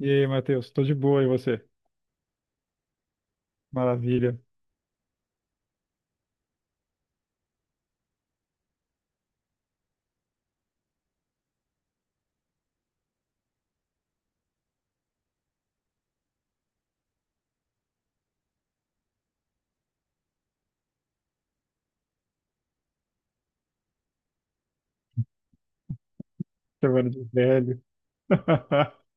E aí, Matheus, tô de boa, e você? Maravilha, chamando de velho.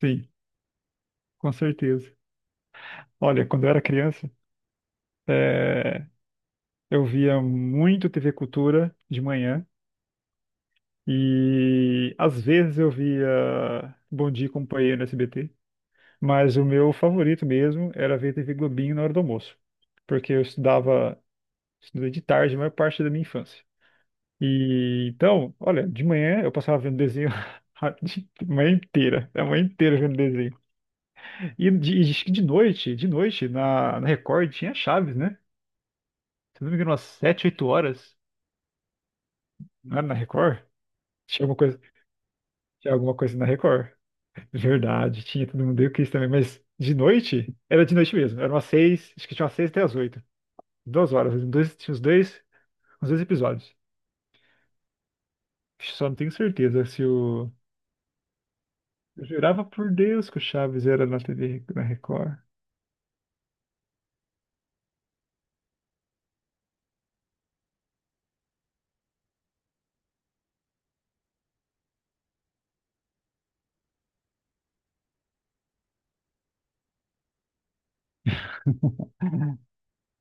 Sim, com certeza. Olha, quando eu era criança, eh, eu via muito TV Cultura de manhã e às vezes eu via Bom Dia e Companhia no SBT, mas o meu favorito mesmo era ver TV Globinho na hora do almoço, porque eu estudava, estudei de tarde a maior parte da minha infância. E então, olha, de manhã eu passava vendo desenho a manhã inteira vendo desenho. E acho que de noite, na Record tinha Chaves, né? Se não me engano, umas 7, 8 horas, não era na Record? Tinha alguma coisa, tinha alguma coisa na Record. Verdade, tinha todo mundo, eu quis também, mas de noite, era de noite mesmo, era umas 6, acho que tinha umas 6 até as 8, 2 horas, uns dois, tinha uns dois episódios. Só não tenho certeza se o. Eu jurava por Deus que o Chaves era na TV, na Record.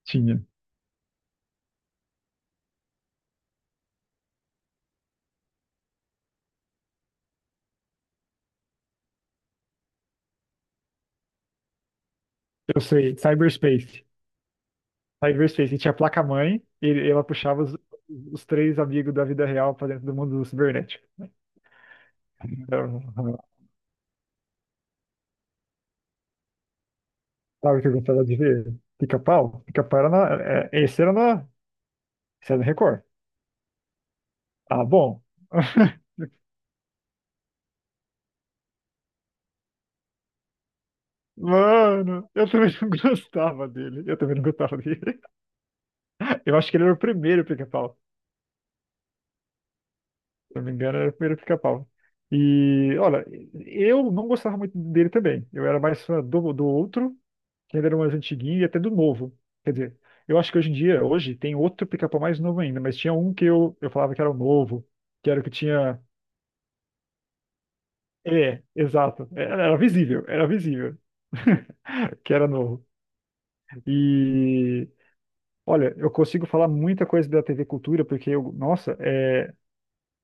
Tinha. Eu sei, Cyberspace. Cyberspace, e tinha a placa-mãe e ela puxava os três amigos da vida real pra dentro do mundo cibernético. Então, sabe o que eu gostava de ver? Pica-pau? Pica-pau era na. É, esse era na. Esse era no Record. Ah, bom. Mano, eu também não gostava dele. Eu também não gostava dele. Eu acho que ele era o primeiro pica-pau. Se não me engano, era o primeiro pica-pau. E, olha, eu não gostava muito dele também. Eu era mais fã do outro que ainda era mais antiguinho e até do novo. Quer dizer, eu acho que hoje em dia, hoje, tem outro pica-pau mais novo ainda, mas tinha um que eu falava que era o novo, que era o que tinha. É, exato. Era visível, era visível. Que era novo. E olha, eu consigo falar muita coisa da TV Cultura, porque eu, nossa,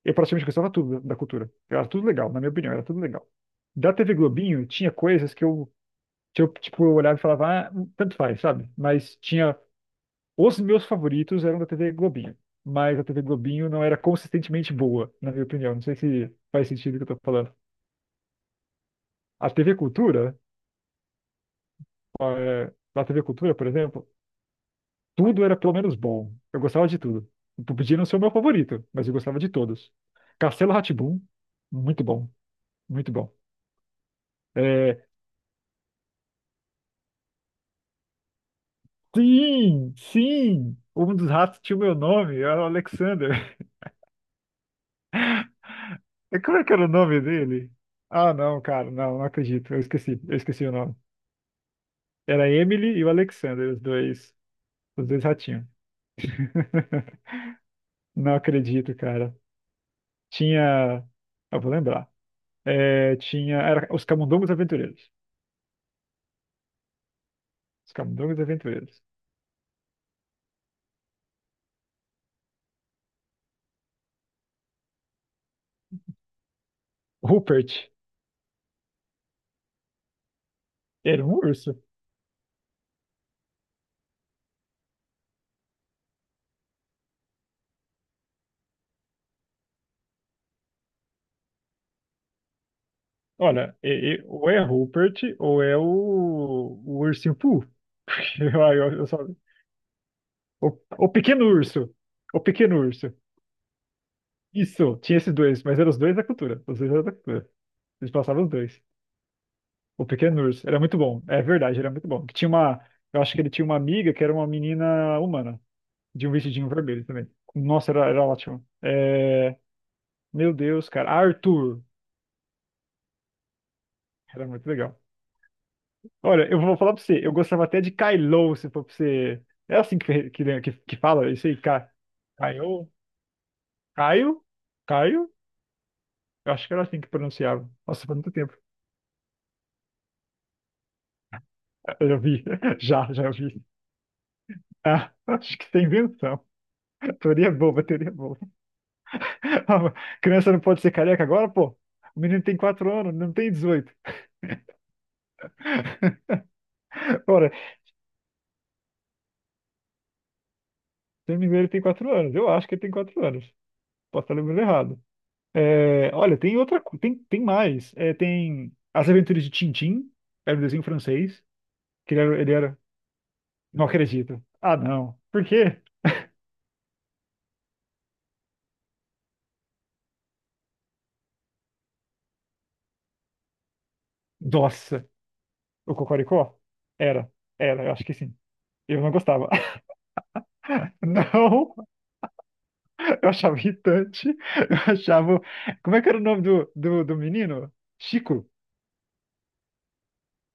eu praticamente gostava tudo da cultura. Era tudo legal, na minha opinião, era tudo legal. Da TV Globinho, tinha coisas que eu tipo, eu olhava e falava, ah, tanto faz, sabe? Mas tinha Os meus favoritos eram da TV Globinho, mas a TV Globinho não era consistentemente boa, na minha opinião. Não sei se faz sentido o que eu tô falando. A TV Cultura, na TV Cultura, por exemplo, tudo era pelo menos bom. Eu gostava de tudo. Eu podia não ser o meu favorito, mas eu gostava de todos. Castelo rá muito bom, muito bom. Eh, sim, sim! Um dos ratos tinha o meu nome, era o Alexander. Como é que era o nome dele? Ah, não, cara, não, não acredito. Eu esqueci o nome. Era a Emily e o Alexander, os dois ratinhos. Não acredito, cara. Tinha. Eu vou lembrar. É, tinha. Era os Camundongos Aventureiros. Os Camundongos Aventureiros. Rupert era um urso. Olha, ou é Rupert ou é o ursinho Pooh. Eu só... o, o pequeno urso. O pequeno urso. Isso, tinha esses dois, mas eram os dois da cultura. Os dois eram da cultura. Eles passavam os dois. O Pequeno Urso. Era muito bom. É verdade, era muito bom. Eu acho que ele tinha uma amiga que era uma menina humana, de um vestidinho vermelho também. Nossa, era ótimo. É, meu Deus, cara. Arthur. Era muito legal. Olha, eu vou falar pra você, eu gostava até de Kylo, se for pra você. É assim que fala isso aí, Ca... Caio? Caio? Caio? Eu acho que era assim que pronunciava. Nossa, faz muito tempo. Eu já vi. Já vi. Ah, acho que tem invenção. Teoria boba, teoria boba. Criança não pode ser careca agora, pô. O menino tem 4 anos, não tem 18. Ora, se eu não me engano, ele tem 4 anos. Eu acho que ele tem 4 anos. Posso estar lembrando errado. É, olha, tem outra. Tem mais. É, tem As Aventuras de Tintim. Era um desenho francês. Que ele era- Não acredito. Ah, não. Por quê? Nossa. O Cocoricó? Era. Era, eu acho que sim. Eu não gostava. Não. Eu achava irritante. Eu achava. Como é que era o nome do menino? Chico?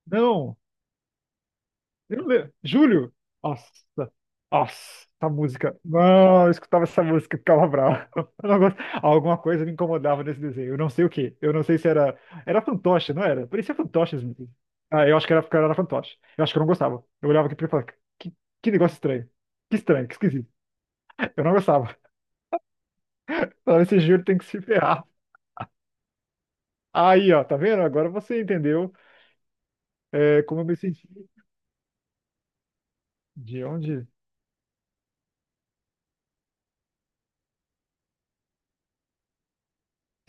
Não. Eu não lembro. Júlio? Nossa. Nossa, essa música. Não, eu escutava essa música e ficava bravo. Eu não gosto- Alguma coisa me incomodava nesse desenho. Eu não sei o quê. Eu não sei se era. Era fantoche, não era? Parecia fantoche, esse menino. Ah, eu acho que era, porque era fantoche. Eu acho que eu não gostava. Eu olhava aqui pra ele e falava: que, que negócio estranho. Que estranho, que esquisito. Eu não gostava. Falava, esse Júlio tem que se ferrar. Aí, ó, tá vendo? Agora você entendeu. É, como eu me senti? De onde?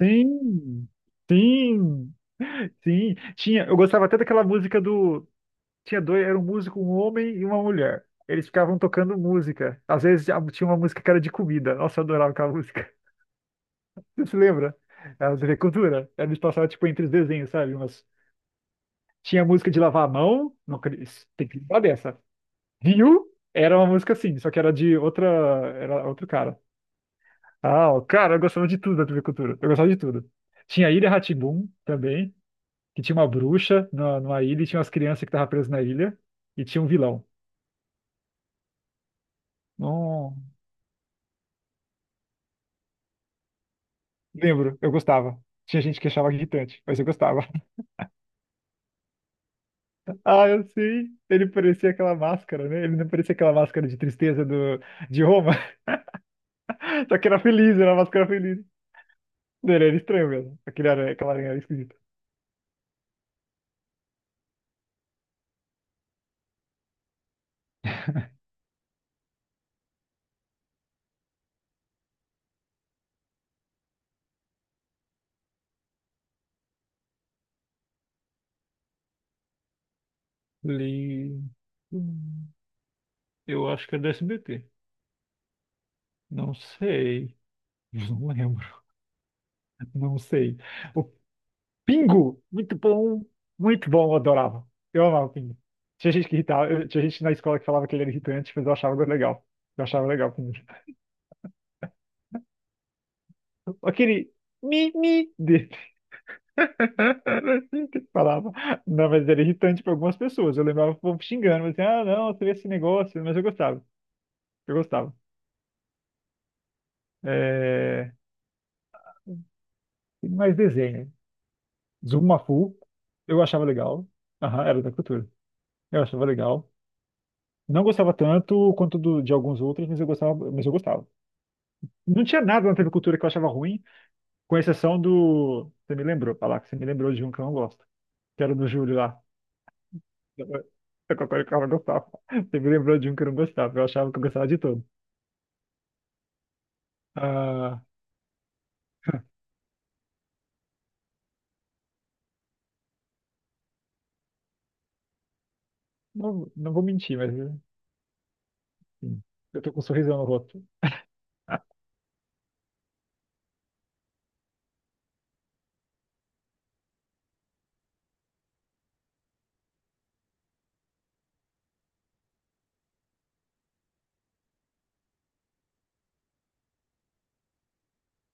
Sim, sim, sim. Tinha, eu gostava até daquela música do. Tinha dois, era um músico, um homem e uma mulher. Eles ficavam tocando música. Às vezes tinha uma música que era de comida. Nossa, eu adorava aquela música. Você se lembra? Era de cultura. Eles passavam tipo entre os desenhos, sabe? Mas tinha música de lavar a mão. Não, tem que lembrar dessa. Rio era uma música assim, só que era de outra, era outro cara. Ah, ó, cara, eu gostava de tudo da TV Cultura. Eu gostava de tudo. Tinha a Ilha rá também, que tinha uma bruxa numa ilha e tinha umas crianças que estavam presas na ilha e tinha um vilão. Não lembro, eu gostava. Tinha gente que achava irritante, mas eu gostava. Ah, eu sei. Ele parecia aquela máscara, né? Ele não parecia aquela máscara de tristeza de Roma, só que era feliz, era uma máscara feliz. Ele era estranho mesmo. Aquele aranha, aquela aranha era esquisita. Li... Hum, Eu acho que é do SBT. Não sei. Não lembro. Não sei. O Pingo, muito bom, eu adorava. Eu amava o Pingo. Tinha gente que irritava, tinha gente na escola que falava que ele era irritante, mas eu achava legal. Eu achava legal o Pingo. Aquele mi-mi dele. Era assim que ele falava. Não, mas era irritante para algumas pessoas. Eu lembrava o povo xingando, mas assim, ah, não, você vê esse negócio, mas eu gostava. Eu gostava. É... Tem mais desenho. Zumafu, eu achava legal. Aham, era da cultura. Eu achava legal. Não gostava tanto quanto de alguns outros, mas eu gostava, mas eu gostava. Não tinha nada na TV Cultura que eu achava ruim, com exceção do. Você me lembrou, falar que você me lembrou de um que eu não gosto, que era do Júlio lá. Eu, eu não gostava. Você me lembrou de um que eu não gostava, eu achava que eu gostava de todo. Ah, não, não vou mentir, mas assim, eu tô com um sorrisão no rosto.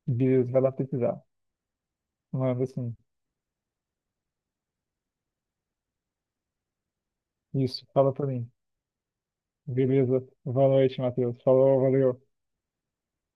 Beleza, vai lá pesquisar. Manda assim. Isso, fala pra mim. Beleza, boa noite, Matheus. Falou, valeu.